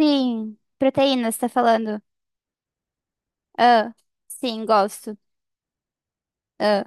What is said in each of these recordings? Sim, proteína, você tá falando? Ah, sim, gosto. Ah,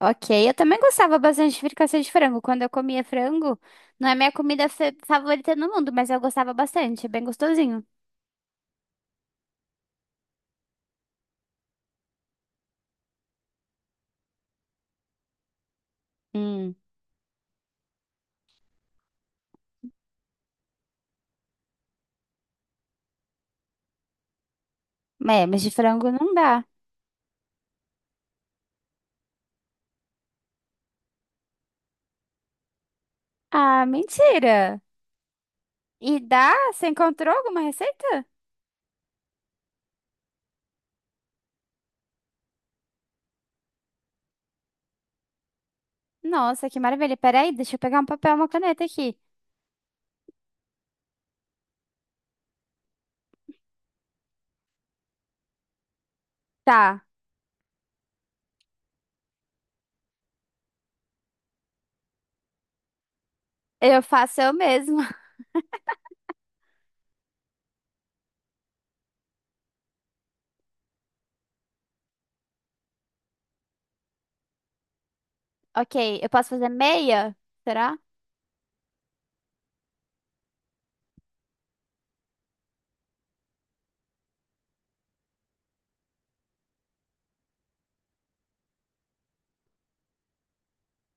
ok. Eu também gostava bastante de fricassê de frango. Quando eu comia frango, não é minha comida favorita no mundo, mas eu gostava bastante, é bem gostosinho. Hum, é, mas de frango não dá. Ah, mentira! E dá? Você encontrou alguma receita? Nossa, que maravilha. Peraí, deixa eu pegar um papel e uma caneta aqui. Tá, eu faço eu mesma. Ok, eu posso fazer meia? Será?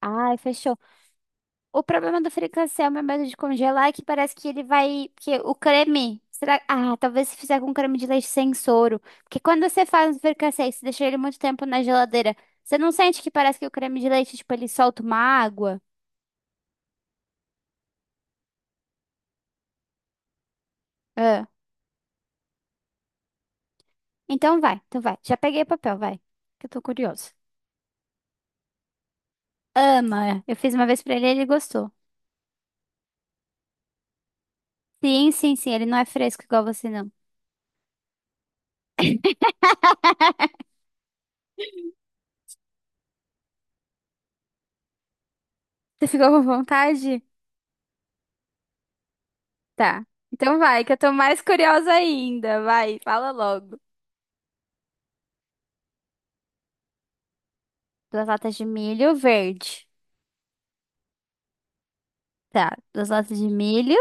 Ai, fechou. O problema do fricassê ao meu medo de congelar é que parece que ele vai, que o creme. Será... Ah, talvez se fizer com creme de leite sem soro. Porque quando você faz um fricassê e você deixa ele muito tempo na geladeira, você não sente que parece que o creme de leite, tipo, ele solta uma água? Ah. Então vai, então vai. Já peguei o papel, vai. Que eu tô curiosa. Ama. Eu fiz uma vez pra ele e ele gostou. Sim, sim, sim. Ele não é fresco igual você, não. Você ficou com vontade? Tá. Então vai, que eu tô mais curiosa ainda. Vai, fala logo. Duas latas de milho verde. Tá. Duas latas de milho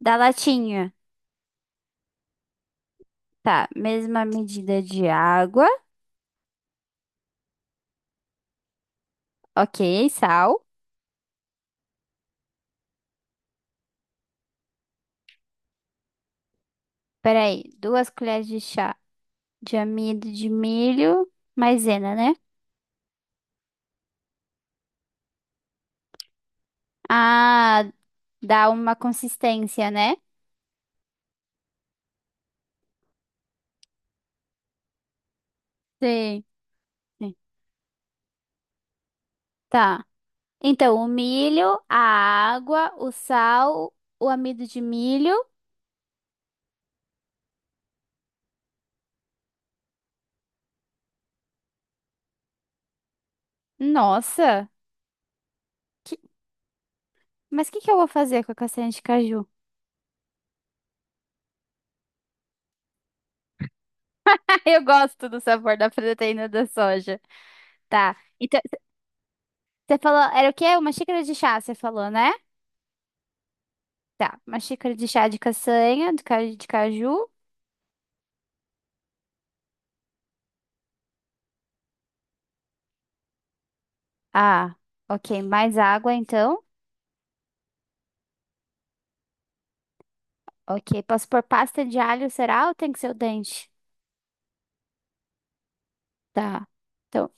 da latinha. Tá. Mesma medida de água. Ok. Sal. Peraí. Duas colheres de chá de amido de milho. Maisena, né? Ah, dá uma consistência, né? Sim. Sim. Tá. Então, o milho, a água, o sal, o amido de milho. Nossa. que- Mas o que que eu vou fazer com a castanha de caju? Eu gosto do sabor da proteína da soja. Tá. Então, você falou, era o quê? Uma xícara de chá, você falou, né? Tá. Uma xícara de chá de castanha, de, de caju. Ah, ok. Mais água, então. Ok. Posso pôr pasta de alho, será? Ou tem que ser o dente? Tá. Então,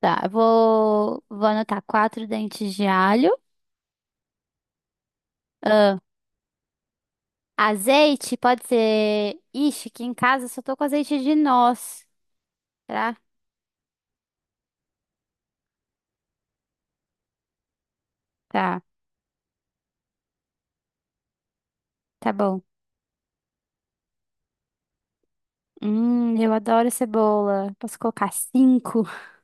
tá. Eu vou anotar quatro dentes de alho. Ah, azeite, pode ser. Ixi, aqui em casa eu só tô com azeite de noz. Tá? Tá. Tá bom. Eu adoro cebola. Posso colocar cinco?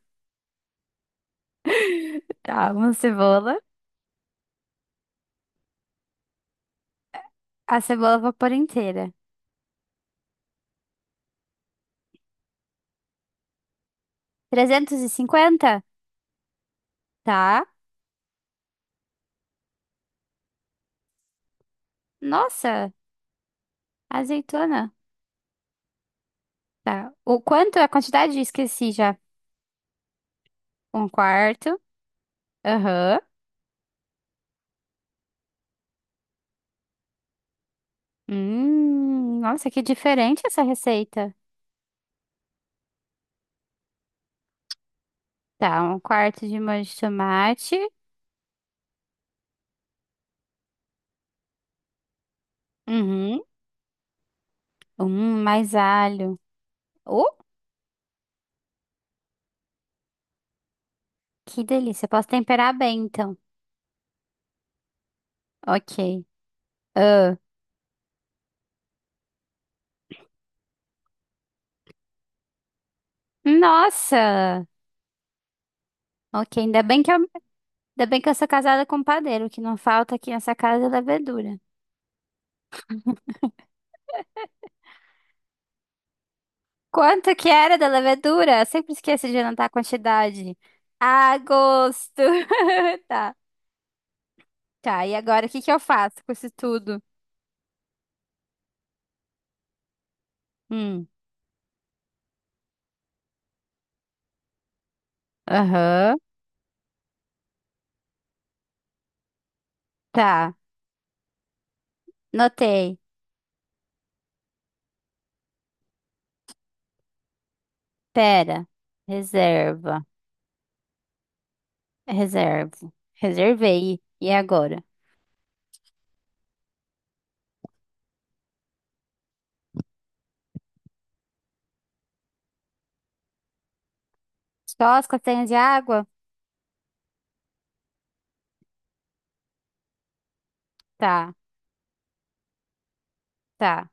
Tá, uma cebola. A cebola vapor inteira. 350. Tá. Nossa, azeitona. Tá. O quanto? A quantidade? Esqueci já. Um quarto. Aham. Nossa, que diferente essa receita. Tá, um quarto de molho de tomate. Uhum. Mais alho. Uh, que delícia. Posso temperar bem, então. Ok. Ah, nossa! Ok, ainda bem que eu sou casada com um padeiro. O que não falta aqui nessa casa é levedura. Quanto que era da levedura? Sempre esqueço de anotar a quantidade. A gosto. Tá. Tá, e agora o que que eu faço com isso tudo? Hum, aham. Tá, notei. Pera. Reserva. Reservo. Reservei. E agora? Só as castanhas de água? Tá, tá,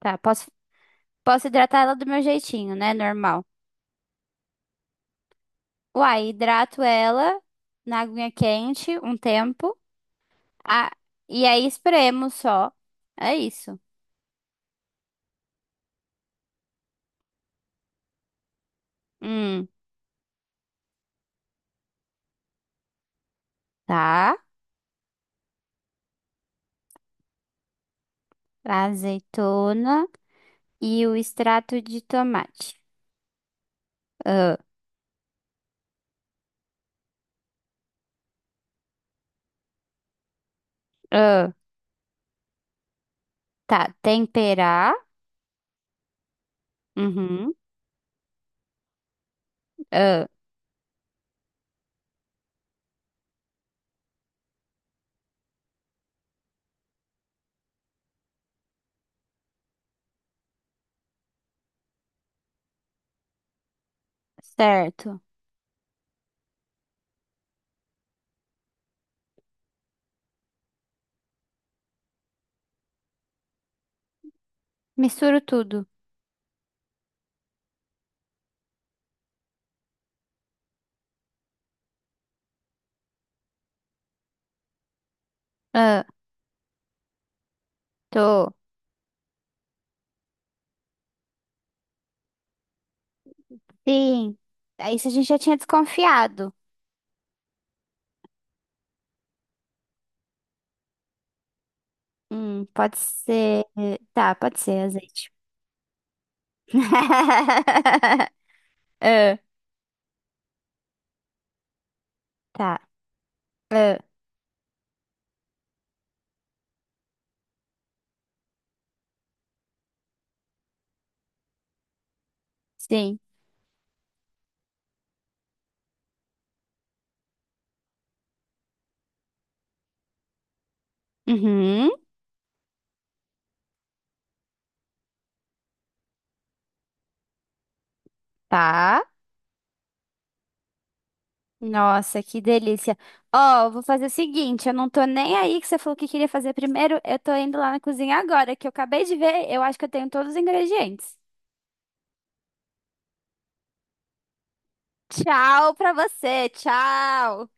tá. Posso, posso hidratar ela do meu jeitinho, né? Normal. Uai, hidrato ela na aguinha quente um tempo. Ah, e aí espremo só. É isso. Hum, tá. Azeitona e o extrato de tomate. Ah, ah, tá. Temperar. Uhum. Ah, certo. Misturo tudo. Ah, tô. Sim. Ah, isso a gente já tinha desconfiado. Pode ser. Tá, pode ser azeite. Ah, tá. Ah, sim. Uhum. Tá. Nossa, que delícia. Ó, eu vou fazer o seguinte, eu não tô nem aí que você falou que queria fazer primeiro, eu tô indo lá na cozinha agora, que eu acabei de ver, eu acho que eu tenho todos os ingredientes. Tchau pra você, tchau!